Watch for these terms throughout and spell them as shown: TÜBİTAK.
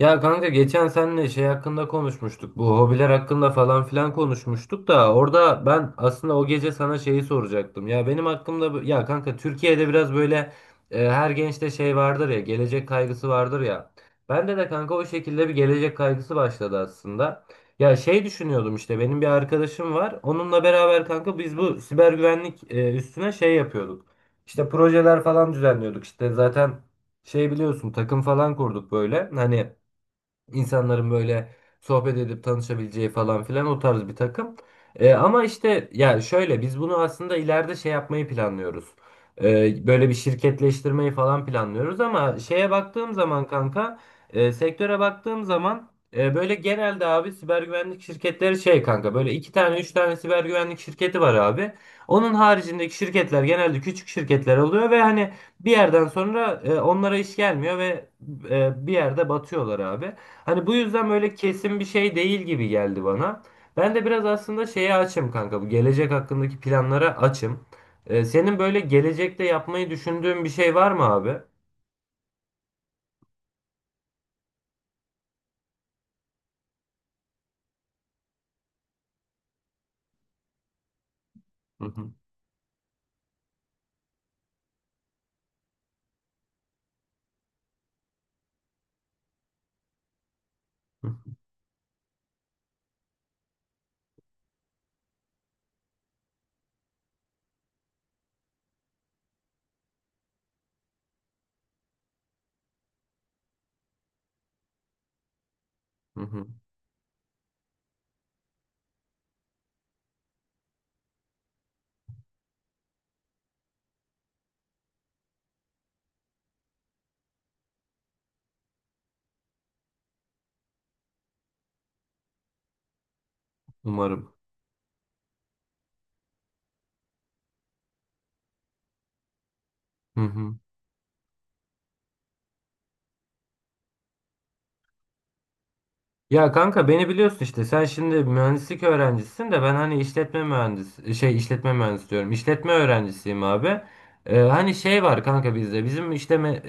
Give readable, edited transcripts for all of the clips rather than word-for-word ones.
Ya kanka geçen seninle şey hakkında konuşmuştuk. Bu hobiler hakkında falan filan konuşmuştuk da orada ben aslında o gece sana şeyi soracaktım. Ya benim hakkımda bu- ya kanka Türkiye'de biraz böyle her gençte şey vardır ya, gelecek kaygısı vardır ya. Bende de kanka o şekilde bir gelecek kaygısı başladı aslında. Ya şey düşünüyordum, işte benim bir arkadaşım var. Onunla beraber kanka biz bu siber güvenlik üstüne şey yapıyorduk. İşte projeler falan düzenliyorduk. İşte zaten şey biliyorsun, takım falan kurduk böyle. Hani İnsanların böyle sohbet edip tanışabileceği falan filan o tarz bir takım. Ama işte ya şöyle, biz bunu aslında ileride şey yapmayı planlıyoruz. Böyle bir şirketleştirmeyi falan planlıyoruz ama şeye baktığım zaman kanka, sektöre baktığım zaman böyle genelde abi siber güvenlik şirketleri şey kanka, böyle iki tane üç tane siber güvenlik şirketi var abi. Onun haricindeki şirketler genelde küçük şirketler oluyor ve hani bir yerden sonra onlara iş gelmiyor ve bir yerde batıyorlar abi. Hani bu yüzden böyle kesin bir şey değil gibi geldi bana. Ben de biraz aslında şeye açım kanka. Bu gelecek hakkındaki planlara açım. Senin böyle gelecekte yapmayı düşündüğün bir şey var mı abi? Hı hı, hı hı, umarım. Hı hı. Ya kanka beni biliyorsun, işte sen şimdi mühendislik öğrencisin de ben hani işletme mühendis şey, işletme mühendisi diyorum, işletme öğrencisiyim abi. Hani şey var kanka, bizde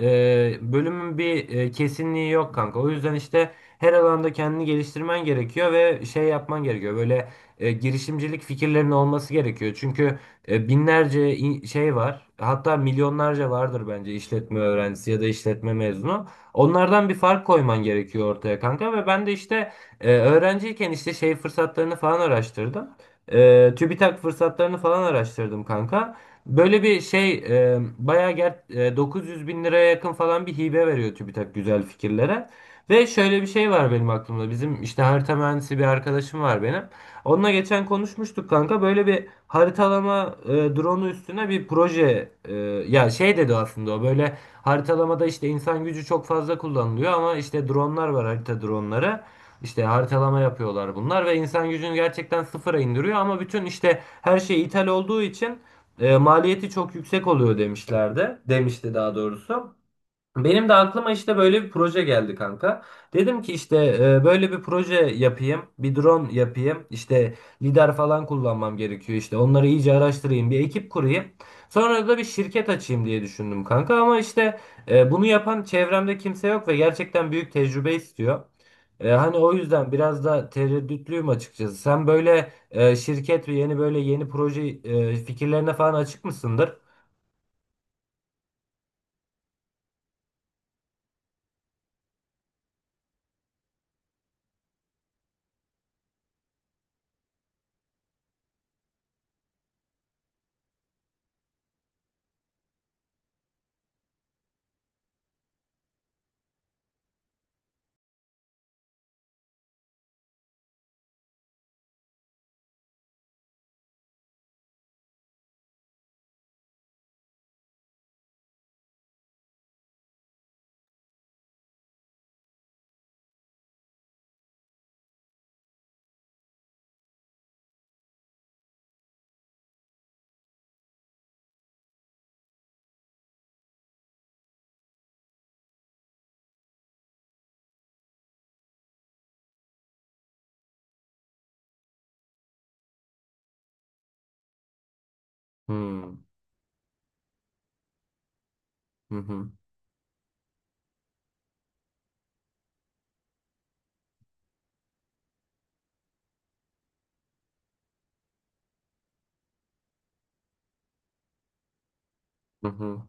bölümün bir kesinliği yok kanka, o yüzden işte her alanda kendini geliştirmen gerekiyor ve şey yapman gerekiyor böyle, girişimcilik fikirlerinin olması gerekiyor çünkü binlerce şey var, hatta milyonlarca vardır bence işletme öğrencisi ya da işletme mezunu. Onlardan bir fark koyman gerekiyor ortaya kanka ve ben de işte öğrenciyken işte şey fırsatlarını falan araştırdım. E, TÜBİTAK fırsatlarını falan araştırdım kanka. Böyle bir şey bayağı 900 bin liraya yakın falan bir hibe veriyor TÜBİTAK güzel fikirlere. Ve şöyle bir şey var benim aklımda. Bizim işte harita mühendisi bir arkadaşım var benim. Onunla geçen konuşmuştuk kanka. Böyle bir haritalama drone'u üstüne bir proje, ya şey dedi aslında o, böyle haritalamada işte insan gücü çok fazla kullanılıyor ama işte dronlar var, harita dronları. İşte haritalama yapıyorlar bunlar ve insan gücünü gerçekten sıfıra indiriyor ama bütün işte her şey ithal olduğu için maliyeti çok yüksek oluyor demişlerdi. Demişti daha doğrusu. Benim de aklıma işte böyle bir proje geldi kanka. Dedim ki işte böyle bir proje yapayım, bir drone yapayım. İşte lidar falan kullanmam gerekiyor işte. Onları iyice araştırayım, bir ekip kurayım. Sonra da bir şirket açayım diye düşündüm kanka ama işte bunu yapan çevremde kimse yok ve gerçekten büyük tecrübe istiyor. Hani o yüzden biraz da tereddütlüyüm açıkçası. Sen böyle şirket ve yeni böyle yeni proje fikirlerine falan açık mısındır? Hmm. Hı hı. Hı hı.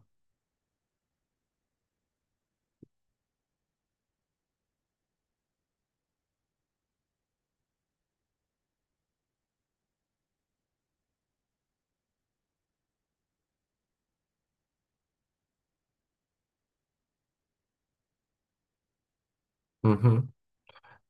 Hı hı.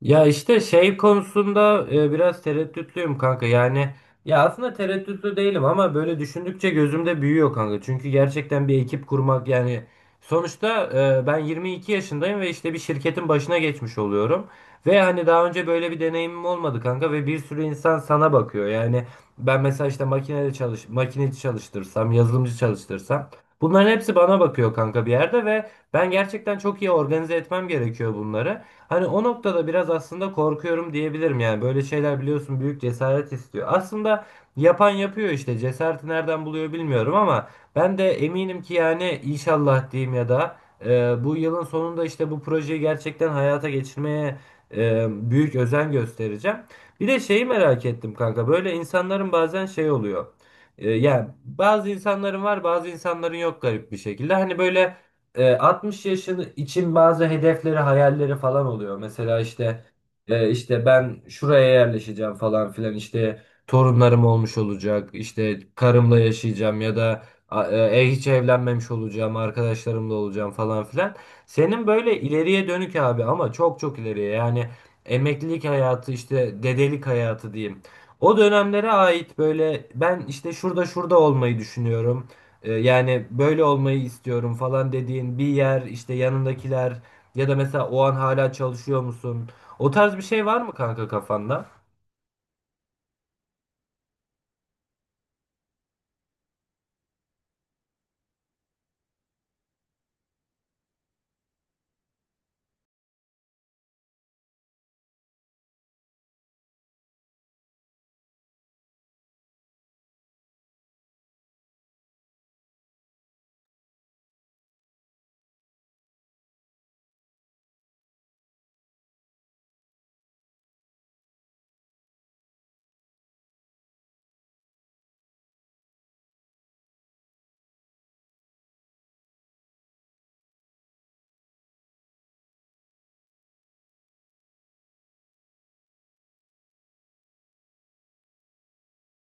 Ya işte şey konusunda biraz tereddütlüyüm kanka. Yani ya aslında tereddütlü değilim ama böyle düşündükçe gözümde büyüyor kanka. Çünkü gerçekten bir ekip kurmak, yani sonuçta ben 22 yaşındayım ve işte bir şirketin başına geçmiş oluyorum. Ve hani daha önce böyle bir deneyimim olmadı kanka ve bir sürü insan sana bakıyor. Yani ben mesela işte makinede çalış makineci çalıştırsam, yazılımcı çalıştırsam bunların hepsi bana bakıyor kanka bir yerde ve ben gerçekten çok iyi organize etmem gerekiyor bunları. Hani o noktada biraz aslında korkuyorum diyebilirim, yani böyle şeyler biliyorsun, büyük cesaret istiyor. Aslında yapan yapıyor işte, cesareti nereden buluyor bilmiyorum ama ben de eminim ki yani, inşallah diyeyim ya da, bu yılın sonunda işte bu projeyi gerçekten hayata geçirmeye büyük özen göstereceğim. Bir de şeyi merak ettim kanka, böyle insanların bazen şey oluyor. Yani bazı insanların var, bazı insanların yok garip bir şekilde. Hani böyle 60 yaşın için bazı hedefleri, hayalleri falan oluyor. Mesela işte işte ben şuraya yerleşeceğim falan filan, işte torunlarım olmuş olacak, işte karımla yaşayacağım ya da hiç evlenmemiş olacağım, arkadaşlarımla olacağım falan filan. Senin böyle ileriye dönük abi, ama çok çok ileriye, yani emeklilik hayatı, işte dedelik hayatı diyeyim. O dönemlere ait böyle, ben işte şurada şurada olmayı düşünüyorum. Yani böyle olmayı istiyorum falan dediğin bir yer, işte yanındakiler ya da mesela o an hala çalışıyor musun? O tarz bir şey var mı kanka kafanda?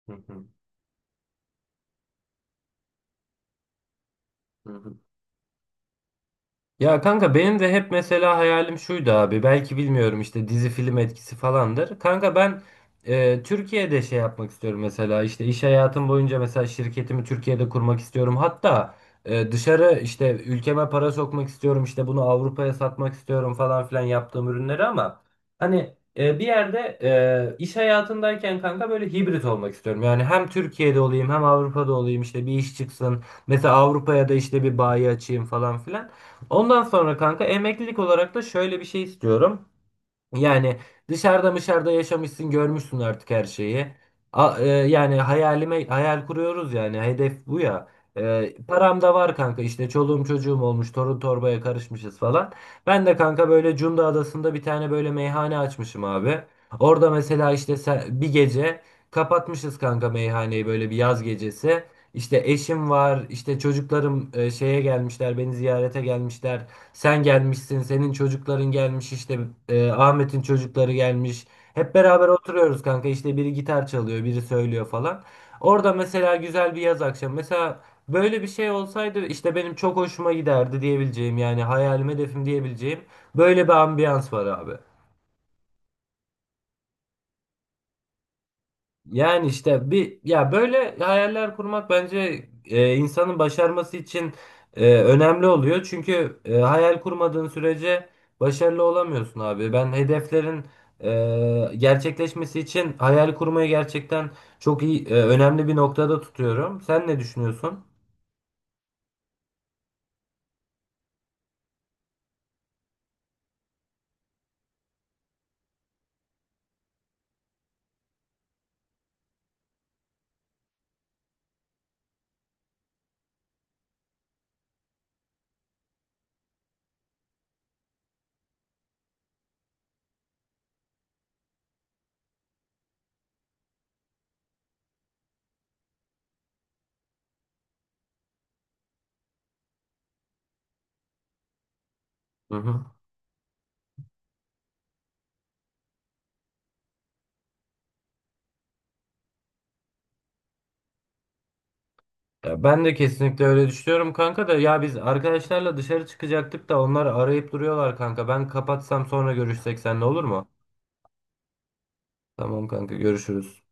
Hı hı. Hı hı. Ya kanka benim de hep mesela hayalim şuydu abi. Belki bilmiyorum işte, dizi film etkisi falandır. Kanka ben Türkiye'de şey yapmak istiyorum, mesela işte iş hayatım boyunca mesela şirketimi Türkiye'de kurmak istiyorum. Hatta dışarı işte ülkeme para sokmak istiyorum, işte bunu Avrupa'ya satmak istiyorum falan filan, yaptığım ürünleri ama hani bir yerde iş hayatındayken kanka böyle hibrit olmak istiyorum. Yani hem Türkiye'de olayım hem Avrupa'da olayım, işte bir iş çıksın. Mesela Avrupa'ya da işte bir bayi açayım falan filan. Ondan sonra kanka emeklilik olarak da şöyle bir şey istiyorum. Yani dışarıda yaşamışsın, görmüşsün artık her şeyi. Yani hayalime, hayal kuruyoruz yani, hedef bu ya. E, param da var kanka, işte çoluğum çocuğum olmuş, torun torbaya karışmışız falan. Ben de kanka böyle Cunda Adası'nda bir tane böyle meyhane açmışım abi. Orada mesela işte bir gece kapatmışız kanka meyhaneyi, böyle bir yaz gecesi. İşte eşim var, işte çocuklarım şeye gelmişler, beni ziyarete gelmişler. Sen gelmişsin, senin çocukların gelmiş, işte Ahmet'in çocukları gelmiş. Hep beraber oturuyoruz kanka, işte biri gitar çalıyor, biri söylüyor falan. Orada mesela güzel bir yaz akşamı. Mesela böyle bir şey olsaydı işte benim çok hoşuma giderdi diyebileceğim, yani hayalim, hedefim diyebileceğim böyle bir ambiyans var abi. Yani işte bir, ya böyle hayaller kurmak bence insanın başarması için önemli oluyor. Çünkü hayal kurmadığın sürece başarılı olamıyorsun abi. Ben hedeflerin gerçekleşmesi için hayal kurmayı gerçekten çok iyi, önemli bir noktada tutuyorum. Sen ne düşünüyorsun? Hı hı. Ya ben de kesinlikle öyle düşünüyorum kanka da, ya biz arkadaşlarla dışarı çıkacaktık da onlar arayıp duruyorlar kanka. Ben kapatsam, sonra görüşsek seninle, olur mu? Tamam kanka, görüşürüz.